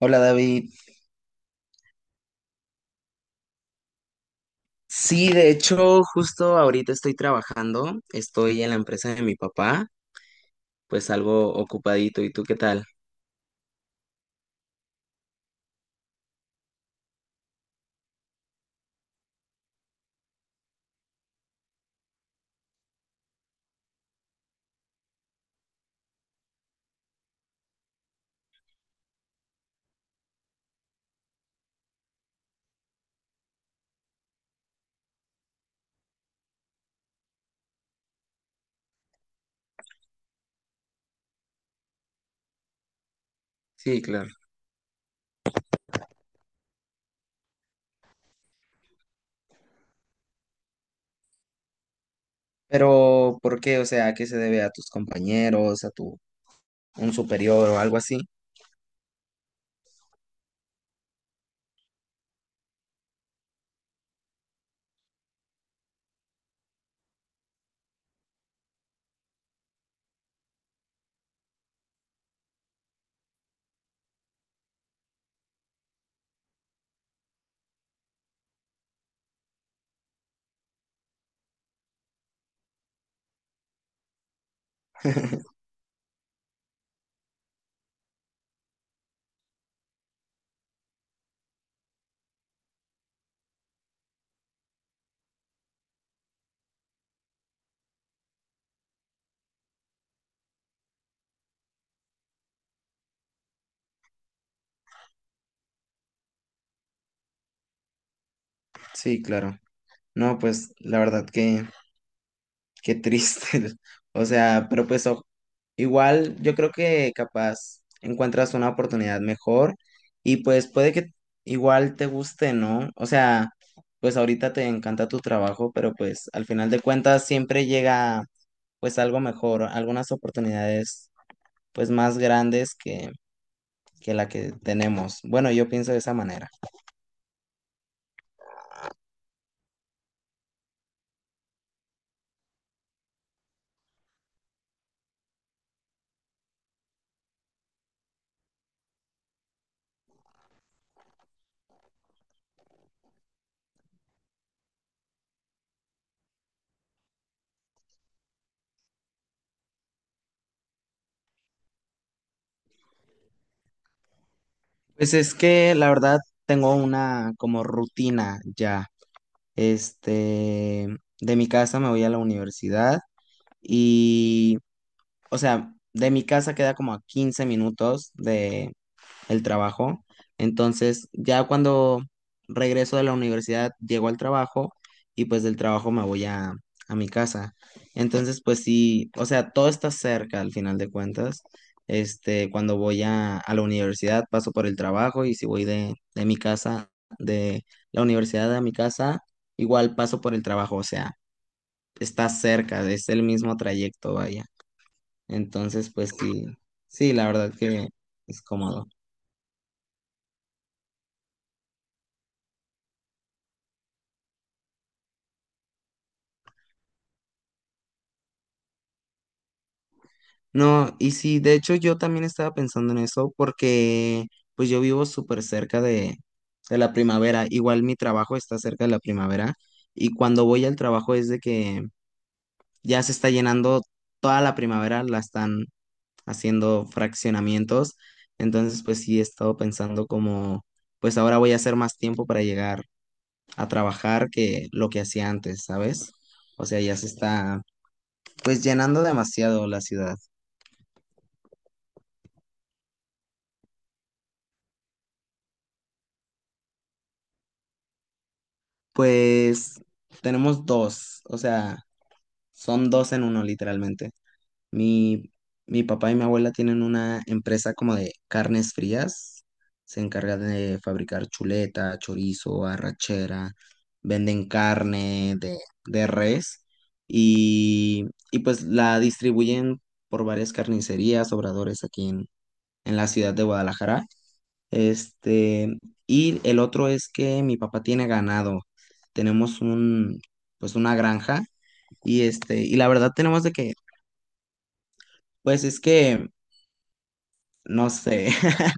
Hola David. Sí, de hecho, justo ahorita estoy trabajando, estoy en la empresa de mi papá, pues algo ocupadito. ¿Y tú qué tal? Sí, claro. Pero, ¿por qué? O sea, ¿a qué se debe a tus compañeros, a tu un superior o algo así? Sí, claro. No, pues la verdad que qué triste. O sea, pero pues igual yo creo que capaz encuentras una oportunidad mejor y pues puede que igual te guste, ¿no? O sea, pues ahorita te encanta tu trabajo, pero pues al final de cuentas siempre llega pues algo mejor, algunas oportunidades pues más grandes que la que tenemos. Bueno, yo pienso de esa manera. Pues es que la verdad tengo una como rutina ya. Este, de mi casa me voy a la universidad y, o sea, de mi casa queda como a 15 minutos el trabajo. Entonces, ya cuando regreso de la universidad, llego al trabajo y pues del trabajo me voy a mi casa. Entonces, pues sí, o sea, todo está cerca al final de cuentas. Este, cuando voy a la universidad, paso por el trabajo y si voy de mi casa, de la universidad a mi casa, igual paso por el trabajo, o sea, está cerca, es el mismo trayecto, vaya. Entonces, pues sí, sí, la verdad que es cómodo. No, y sí, de hecho yo también estaba pensando en eso porque pues yo vivo súper cerca de la primavera, igual mi trabajo está cerca de la primavera y cuando voy al trabajo es de que ya se está llenando toda la primavera, la están haciendo fraccionamientos, entonces pues sí he estado pensando como pues ahora voy a hacer más tiempo para llegar a trabajar que lo que hacía antes, ¿sabes? O sea, ya se está pues llenando demasiado la ciudad. Pues tenemos dos, o sea, son dos en uno literalmente. Mi, mi papá y mi abuela tienen una empresa como de carnes frías, se encargan de fabricar chuleta, chorizo, arrachera, venden carne de res y, y pues la distribuyen por varias carnicerías, obradores aquí en la ciudad de Guadalajara. Este, y el otro es que mi papá tiene ganado. Tenemos un, pues una granja y este, y la verdad tenemos de que, pues es que, no sé,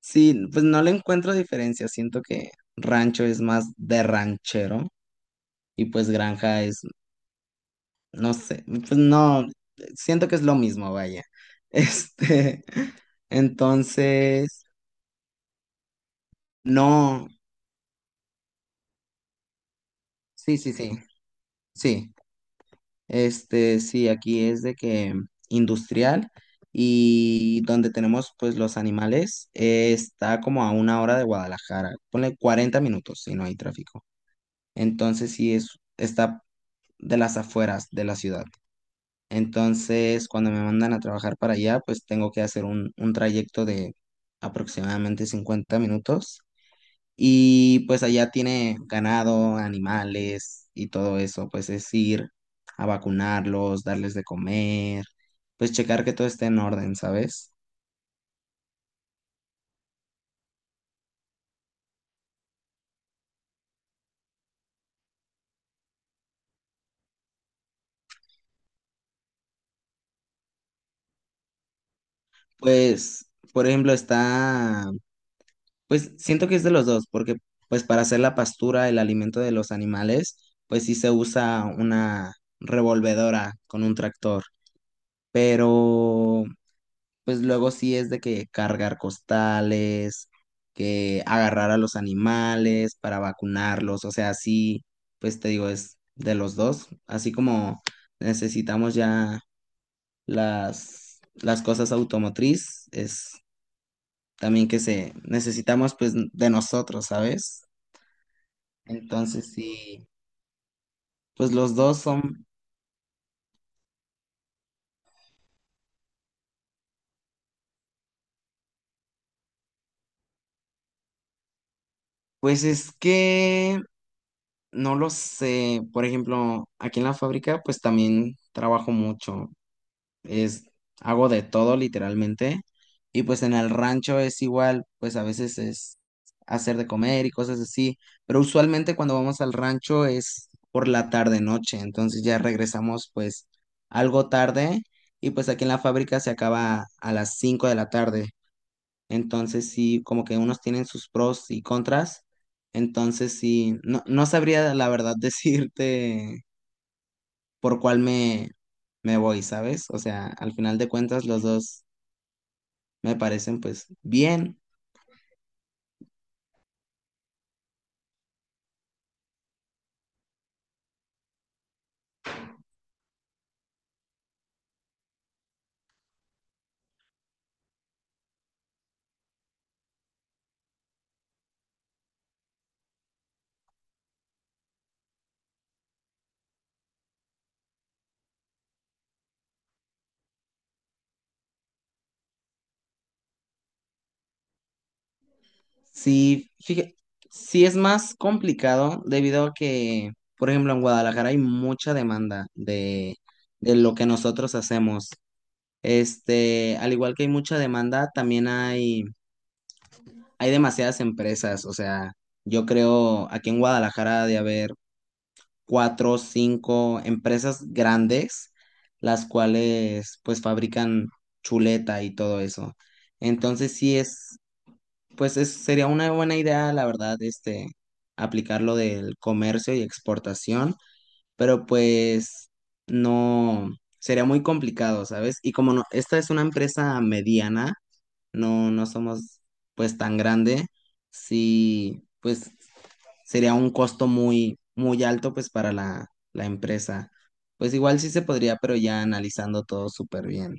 sí, pues no le encuentro diferencia. Siento que rancho es más de ranchero y pues granja es, no sé, pues no, siento que es lo mismo, vaya. Este, entonces, no, sí, sí, sí, sí. Este, sí, aquí es de que industrial y donde tenemos pues los animales está como a una hora de Guadalajara. Ponle 40 minutos si no hay tráfico. Entonces sí es, está de las afueras de la ciudad. Entonces cuando me mandan a trabajar para allá pues tengo que hacer un trayecto de aproximadamente 50 minutos y pues allá tiene ganado, animales y todo eso, pues es ir a vacunarlos, darles de comer, pues checar que todo esté en orden, ¿sabes? Pues, por ejemplo, está, pues siento que es de los dos, porque pues para hacer la pastura, el alimento de los animales, pues sí se usa una revolvedora con un tractor, pero pues luego sí es de que cargar costales, que agarrar a los animales para vacunarlos, o sea, sí, pues te digo, es de los dos, así como necesitamos ya las cosas automotriz, es también que se necesitamos pues de nosotros, ¿sabes? Entonces sí, pues los dos son, pues es que... No lo sé. Por ejemplo, aquí en la fábrica, pues también trabajo mucho. Es, hago de todo literalmente. Y pues en el rancho es igual, pues a veces es hacer de comer y cosas así, pero usualmente cuando vamos al rancho es por la tarde noche, entonces ya regresamos pues algo tarde y pues aquí en la fábrica se acaba a las 5 de la tarde, entonces sí, como que unos tienen sus pros y contras, entonces sí, no, no sabría la verdad decirte por cuál me voy, ¿sabes? O sea, al final de cuentas los dos me parecen pues bien. Sí, fíjate, sí es más complicado debido a que, por ejemplo, en Guadalajara hay mucha demanda de lo que nosotros hacemos. Este, al igual que hay mucha demanda, también hay, demasiadas empresas. O sea, yo creo aquí en Guadalajara ha de haber cuatro o cinco empresas grandes, las cuales pues fabrican chuleta y todo eso. Entonces sí es, pues es, sería una buena idea, la verdad, este, aplicar lo del comercio y exportación, pero pues no, sería muy complicado, ¿sabes? Y como no, esta es una empresa mediana, no, no somos pues tan grande, sí, pues sería un costo muy, muy alto pues para la empresa. Pues igual sí se podría, pero ya analizando todo súper bien.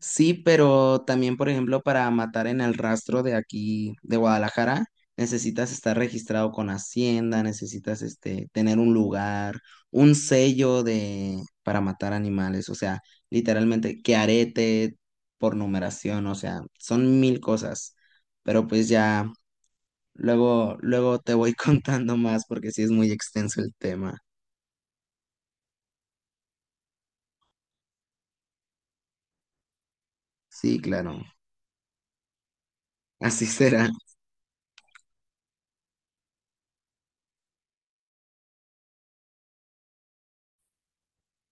Sí, pero también, por ejemplo, para matar en el rastro de aquí, de Guadalajara, necesitas estar registrado con Hacienda, necesitas este, tener un lugar, un sello de, para matar animales, o sea, literalmente, que arete por numeración, o sea, son mil cosas, pero pues ya, luego, luego te voy contando más porque sí es muy extenso el tema. Sí, claro, así será.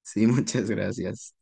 Sí, muchas gracias.